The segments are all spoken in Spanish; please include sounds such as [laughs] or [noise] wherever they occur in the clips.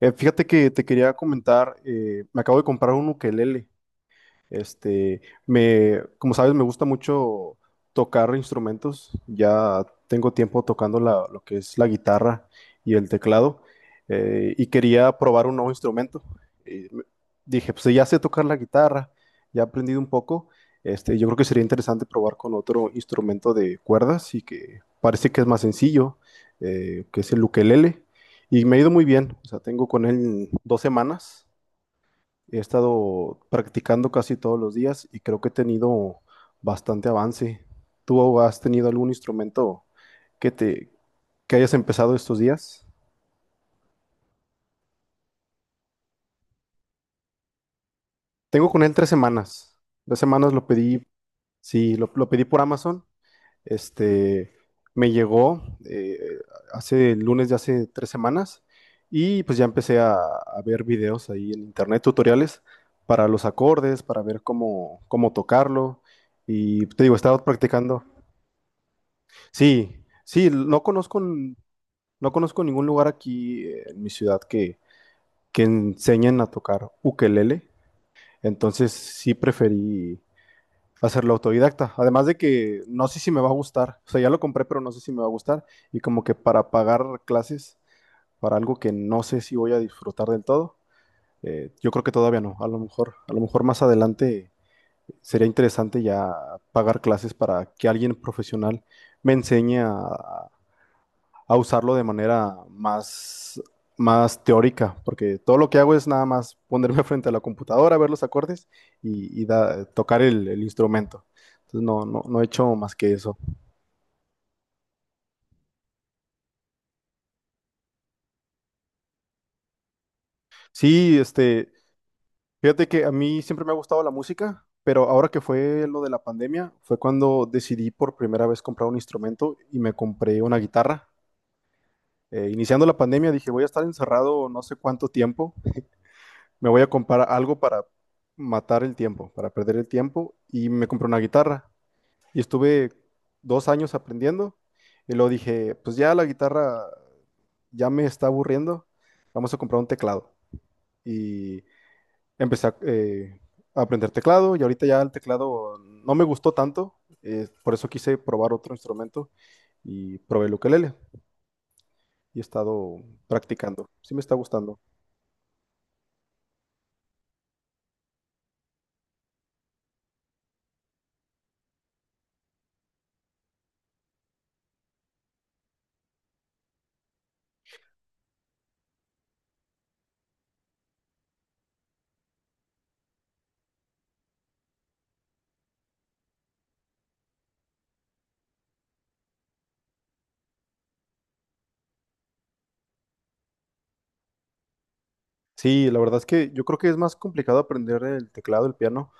Fíjate que te quería comentar, me acabo de comprar un ukelele. Este, Como sabes, me gusta mucho tocar instrumentos. Ya tengo tiempo tocando lo que es la guitarra y el teclado. Y quería probar un nuevo instrumento. Y me- Dije, pues ya sé tocar la guitarra, ya he aprendido un poco. Yo creo que sería interesante probar con otro instrumento de cuerdas y que parece que es más sencillo, que es el ukelele. Y me ha ido muy bien. O sea, tengo con él 2 semanas. He estado practicando casi todos los días y creo que he tenido bastante avance. ¿Tú has tenido algún instrumento que te que hayas empezado estos días? Tengo con él 3 semanas. 3 semanas lo pedí. Sí, lo pedí por Amazon. Este, Me llegó, hace el lunes de hace 3 semanas. Y pues ya empecé a ver videos ahí en internet, tutoriales para los acordes, para ver cómo tocarlo. Y te digo, he estado practicando. Sí, sí. No conozco ningún lugar aquí, en mi ciudad que enseñen a tocar ukelele, entonces sí preferí hacerlo autodidacta. Además de que no sé si me va a gustar. O sea, ya lo compré, pero no sé si me va a gustar, y como que para pagar clases para algo que no sé si voy a disfrutar del todo, yo creo que todavía no. A lo mejor más adelante sería interesante ya pagar clases para que alguien profesional me enseñe a usarlo de manera más, más teórica, porque todo lo que hago es nada más ponerme [laughs] frente a la computadora, ver los acordes y tocar el instrumento. Entonces no he hecho más que eso. Sí. Fíjate que a mí siempre me ha gustado la música, pero ahora que fue lo de la pandemia, fue cuando decidí por primera vez comprar un instrumento y me compré una guitarra. Iniciando la pandemia dije, voy a estar encerrado no sé cuánto tiempo. Me voy a comprar algo para matar el tiempo, para perder el tiempo, y me compré una guitarra. Y estuve 2 años aprendiendo, y luego dije, pues ya la guitarra ya me está aburriendo, vamos a comprar un teclado. Y empecé a aprender teclado, y ahorita ya el teclado no me gustó tanto. Por eso quise probar otro instrumento, y probé el ukelele, y he estado practicando. Sí me está gustando. Sí, la verdad es que yo creo que es más complicado aprender el teclado, el piano.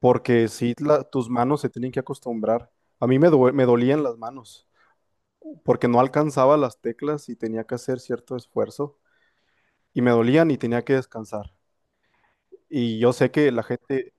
Porque sí, tus manos se tienen que acostumbrar. A mí me dolían las manos, porque no alcanzaba las teclas y tenía que hacer cierto esfuerzo, y me dolían y tenía que descansar. Y yo sé que la gente,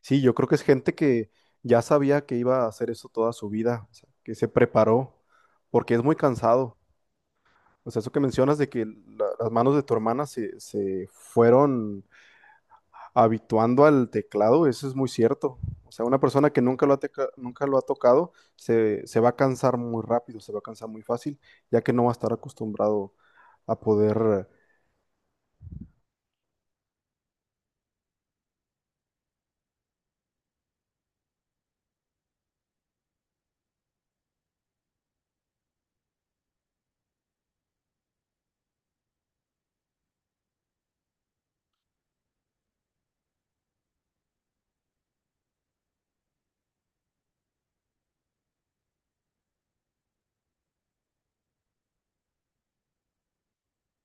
sí, yo creo que es gente que ya sabía que iba a hacer eso toda su vida, o sea, que se preparó, porque es muy cansado. O sea, eso que mencionas de que las manos de tu hermana se fueron habituando al teclado, eso es muy cierto. O sea, una persona que nunca lo ha tocado se va a cansar muy rápido, se va a cansar muy fácil, ya que no va a estar acostumbrado a poder...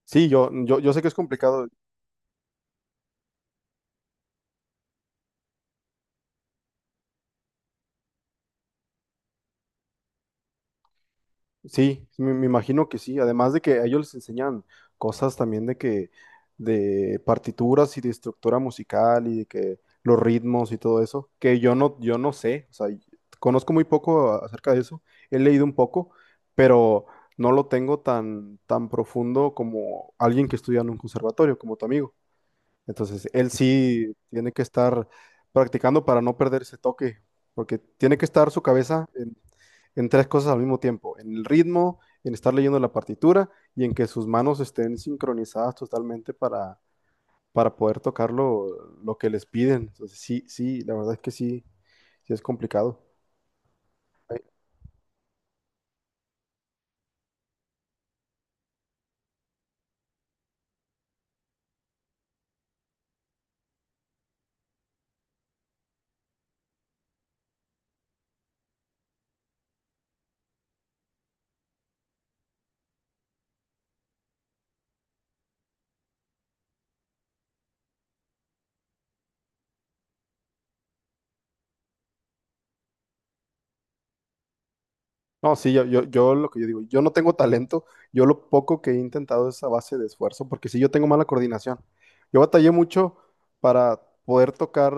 Sí, yo sé que es complicado. Sí, sí, me imagino que sí. Además de que a ellos les enseñan cosas también de partituras y de estructura musical y de que los ritmos y todo eso, que yo no sé. O sea, conozco muy poco acerca de eso, he leído un poco, pero no lo tengo tan, tan profundo como alguien que estudia en un conservatorio, como tu amigo. Entonces, él sí tiene que estar practicando para no perder ese toque, porque tiene que estar su cabeza en tres cosas al mismo tiempo, en el ritmo, en estar leyendo la partitura y en que sus manos estén sincronizadas totalmente para poder tocar lo que les piden. Entonces, sí, sí, la verdad es que sí, sí es complicado. No, sí. yo Lo que yo digo, yo no tengo talento. Yo lo poco que he intentado es a base de esfuerzo, porque sí, yo tengo mala coordinación. Yo batallé mucho para poder tocar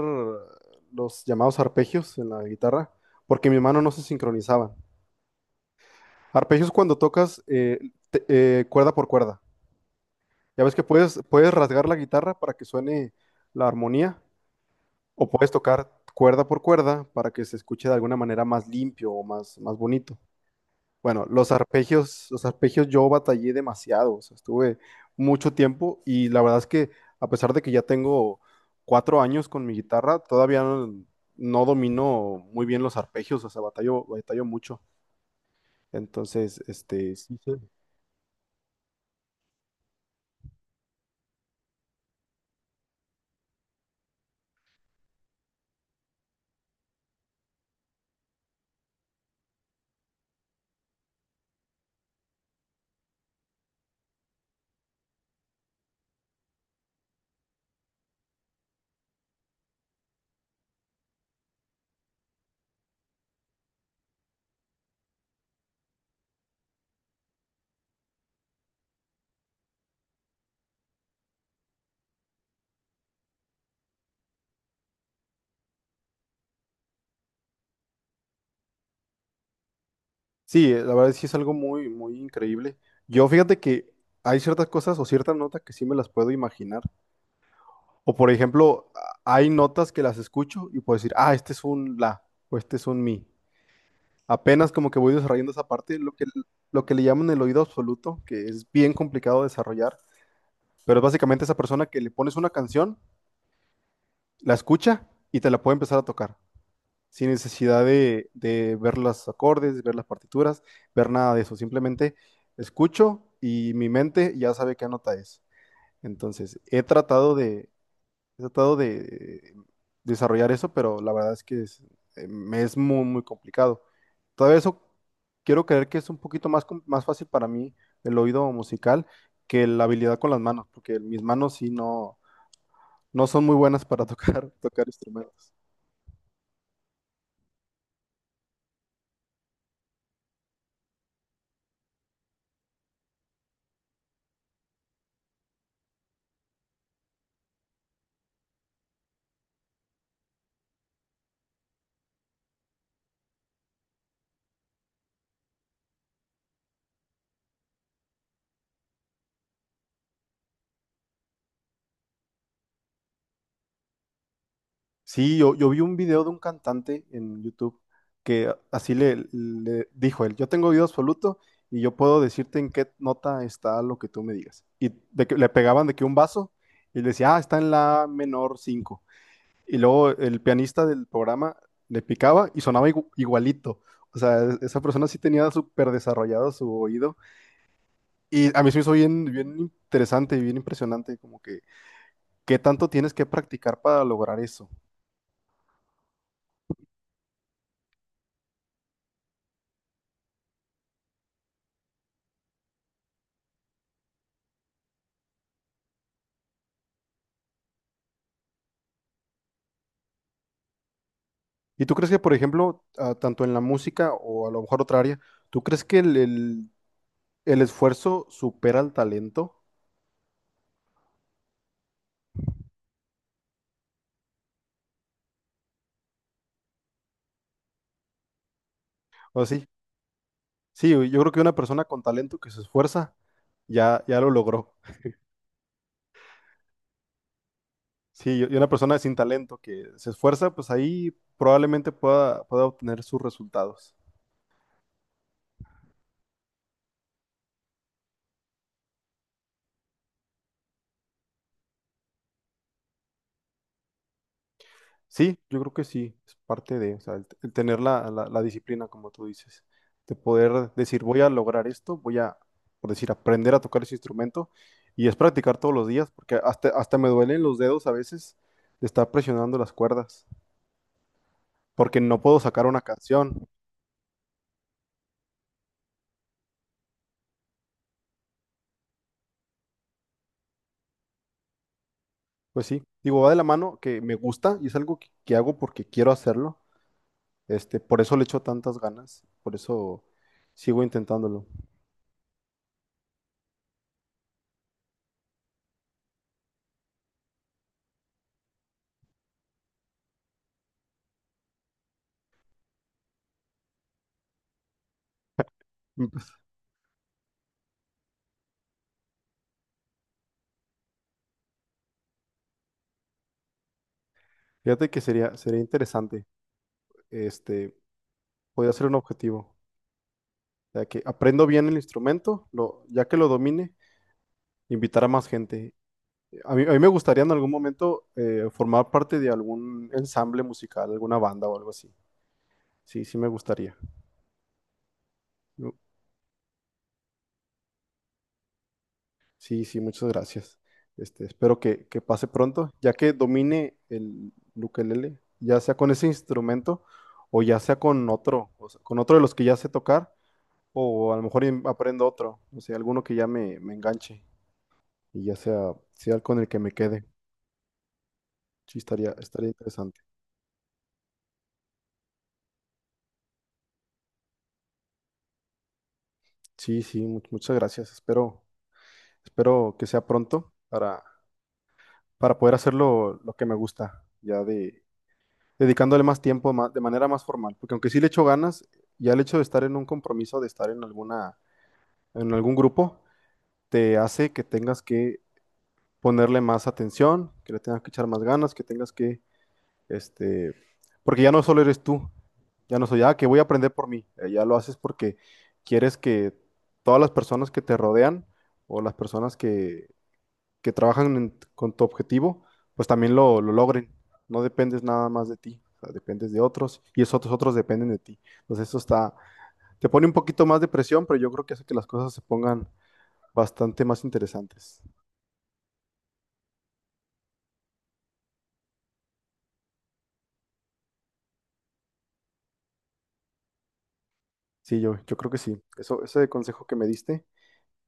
los llamados arpegios en la guitarra, porque mi mano no se sincronizaban. Arpegios cuando tocas, cuerda por cuerda. Ya ves que puedes rasgar la guitarra para que suene la armonía, o puedes tocar cuerda por cuerda para que se escuche de alguna manera más limpio o más, más bonito. Bueno, los arpegios yo batallé demasiado. O sea, estuve mucho tiempo y la verdad es que a pesar de que ya tengo 4 años con mi guitarra, todavía no domino muy bien los arpegios. O sea, batallo mucho. Entonces, sí, sí, sí, la verdad sí es algo muy, muy increíble. Yo fíjate que hay ciertas cosas o ciertas notas que sí me las puedo imaginar. O por ejemplo, hay notas que las escucho y puedo decir, ah, este es un la o este es un mi. Apenas como que voy desarrollando esa parte, lo que le llaman el oído absoluto, que es bien complicado de desarrollar, pero es básicamente esa persona que le pones una canción, la escucha y te la puede empezar a tocar, sin necesidad de ver los acordes, ver las partituras, ver nada de eso. Simplemente escucho y mi mente ya sabe qué nota es. Entonces, he tratado de desarrollar eso, pero la verdad es que es, me es muy, muy complicado. Todavía eso quiero creer que es un poquito más fácil para mí el oído musical que la habilidad con las manos, porque mis manos sí no son muy buenas para tocar, [laughs] tocar instrumentos. Sí, yo vi un video de un cantante en YouTube que así le dijo él, yo tengo oído absoluto y yo puedo decirte en qué nota está lo que tú me digas. Y de que le pegaban de que un vaso y le decía, ah, está en la menor cinco. Y luego el pianista del programa le picaba y sonaba igualito. O sea, esa persona sí tenía súper desarrollado su oído. Y a mí se me hizo bien, bien interesante y bien impresionante, como que qué tanto tienes que practicar para lograr eso. ¿Y tú crees que, por ejemplo, tanto en la música o a lo mejor otra área, tú crees que el esfuerzo supera al talento? ¿O sí? Sí, yo creo que una persona con talento que se esfuerza ya lo logró. Sí, y una persona sin talento que se esfuerza, pues ahí probablemente pueda obtener sus resultados. Sí, yo creo que sí, es parte de... O sea, el tener la disciplina, como tú dices, de poder decir, voy a lograr esto, voy a, por decir, aprender a tocar ese instrumento, y es practicar todos los días, porque hasta, hasta me duelen los dedos a veces de estar presionando las cuerdas, porque no puedo sacar una canción. Pues sí, digo, va de la mano que me gusta y es algo que hago porque quiero hacerlo, por eso le echo tantas ganas, por eso sigo intentándolo. [laughs] Mm. Fíjate que sería interesante. este Podría ser un objetivo. Ya que aprendo bien el instrumento, ya que lo domine, invitar a más gente. A mí me gustaría en algún momento, formar parte de algún ensamble musical, alguna banda o algo así. Sí, sí me gustaría. No. Sí, sí, muchas gracias. Espero que pase pronto, ya que domine el ukelele, ya sea con ese instrumento o ya sea con otro, o sea, con otro de los que ya sé tocar, o a lo mejor aprendo otro, o sea, alguno que ya me enganche. Y sea con el que me quede. Sí, estaría interesante. Sí, sí, muchas gracias. Espero que sea pronto para poder hacerlo lo que me gusta, ya de dedicándole más tiempo de manera más formal. Porque aunque sí le echo ganas, ya el hecho de estar en un compromiso, de estar en algún grupo, te hace que tengas que ponerle más atención, que le tengas que echar más ganas, que tengas que... Este, porque ya no solo eres tú, ya no soy, ah, que voy a aprender por mí. Ya lo haces porque quieres que todas las personas que te rodean o las personas que trabajan con tu objetivo, pues también lo logren. No dependes nada más de ti, o sea, dependes de otros y otros dependen de ti. Entonces eso está, te pone un poquito más de presión, pero yo creo que hace que las cosas se pongan bastante más interesantes. Sí, yo creo que sí. Ese consejo que me diste,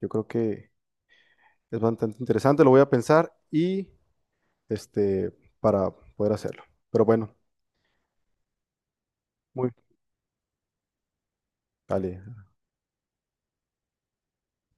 yo creo que es bastante interesante. Lo voy a pensar este, para poder hacerlo. Pero bueno, muy, vale.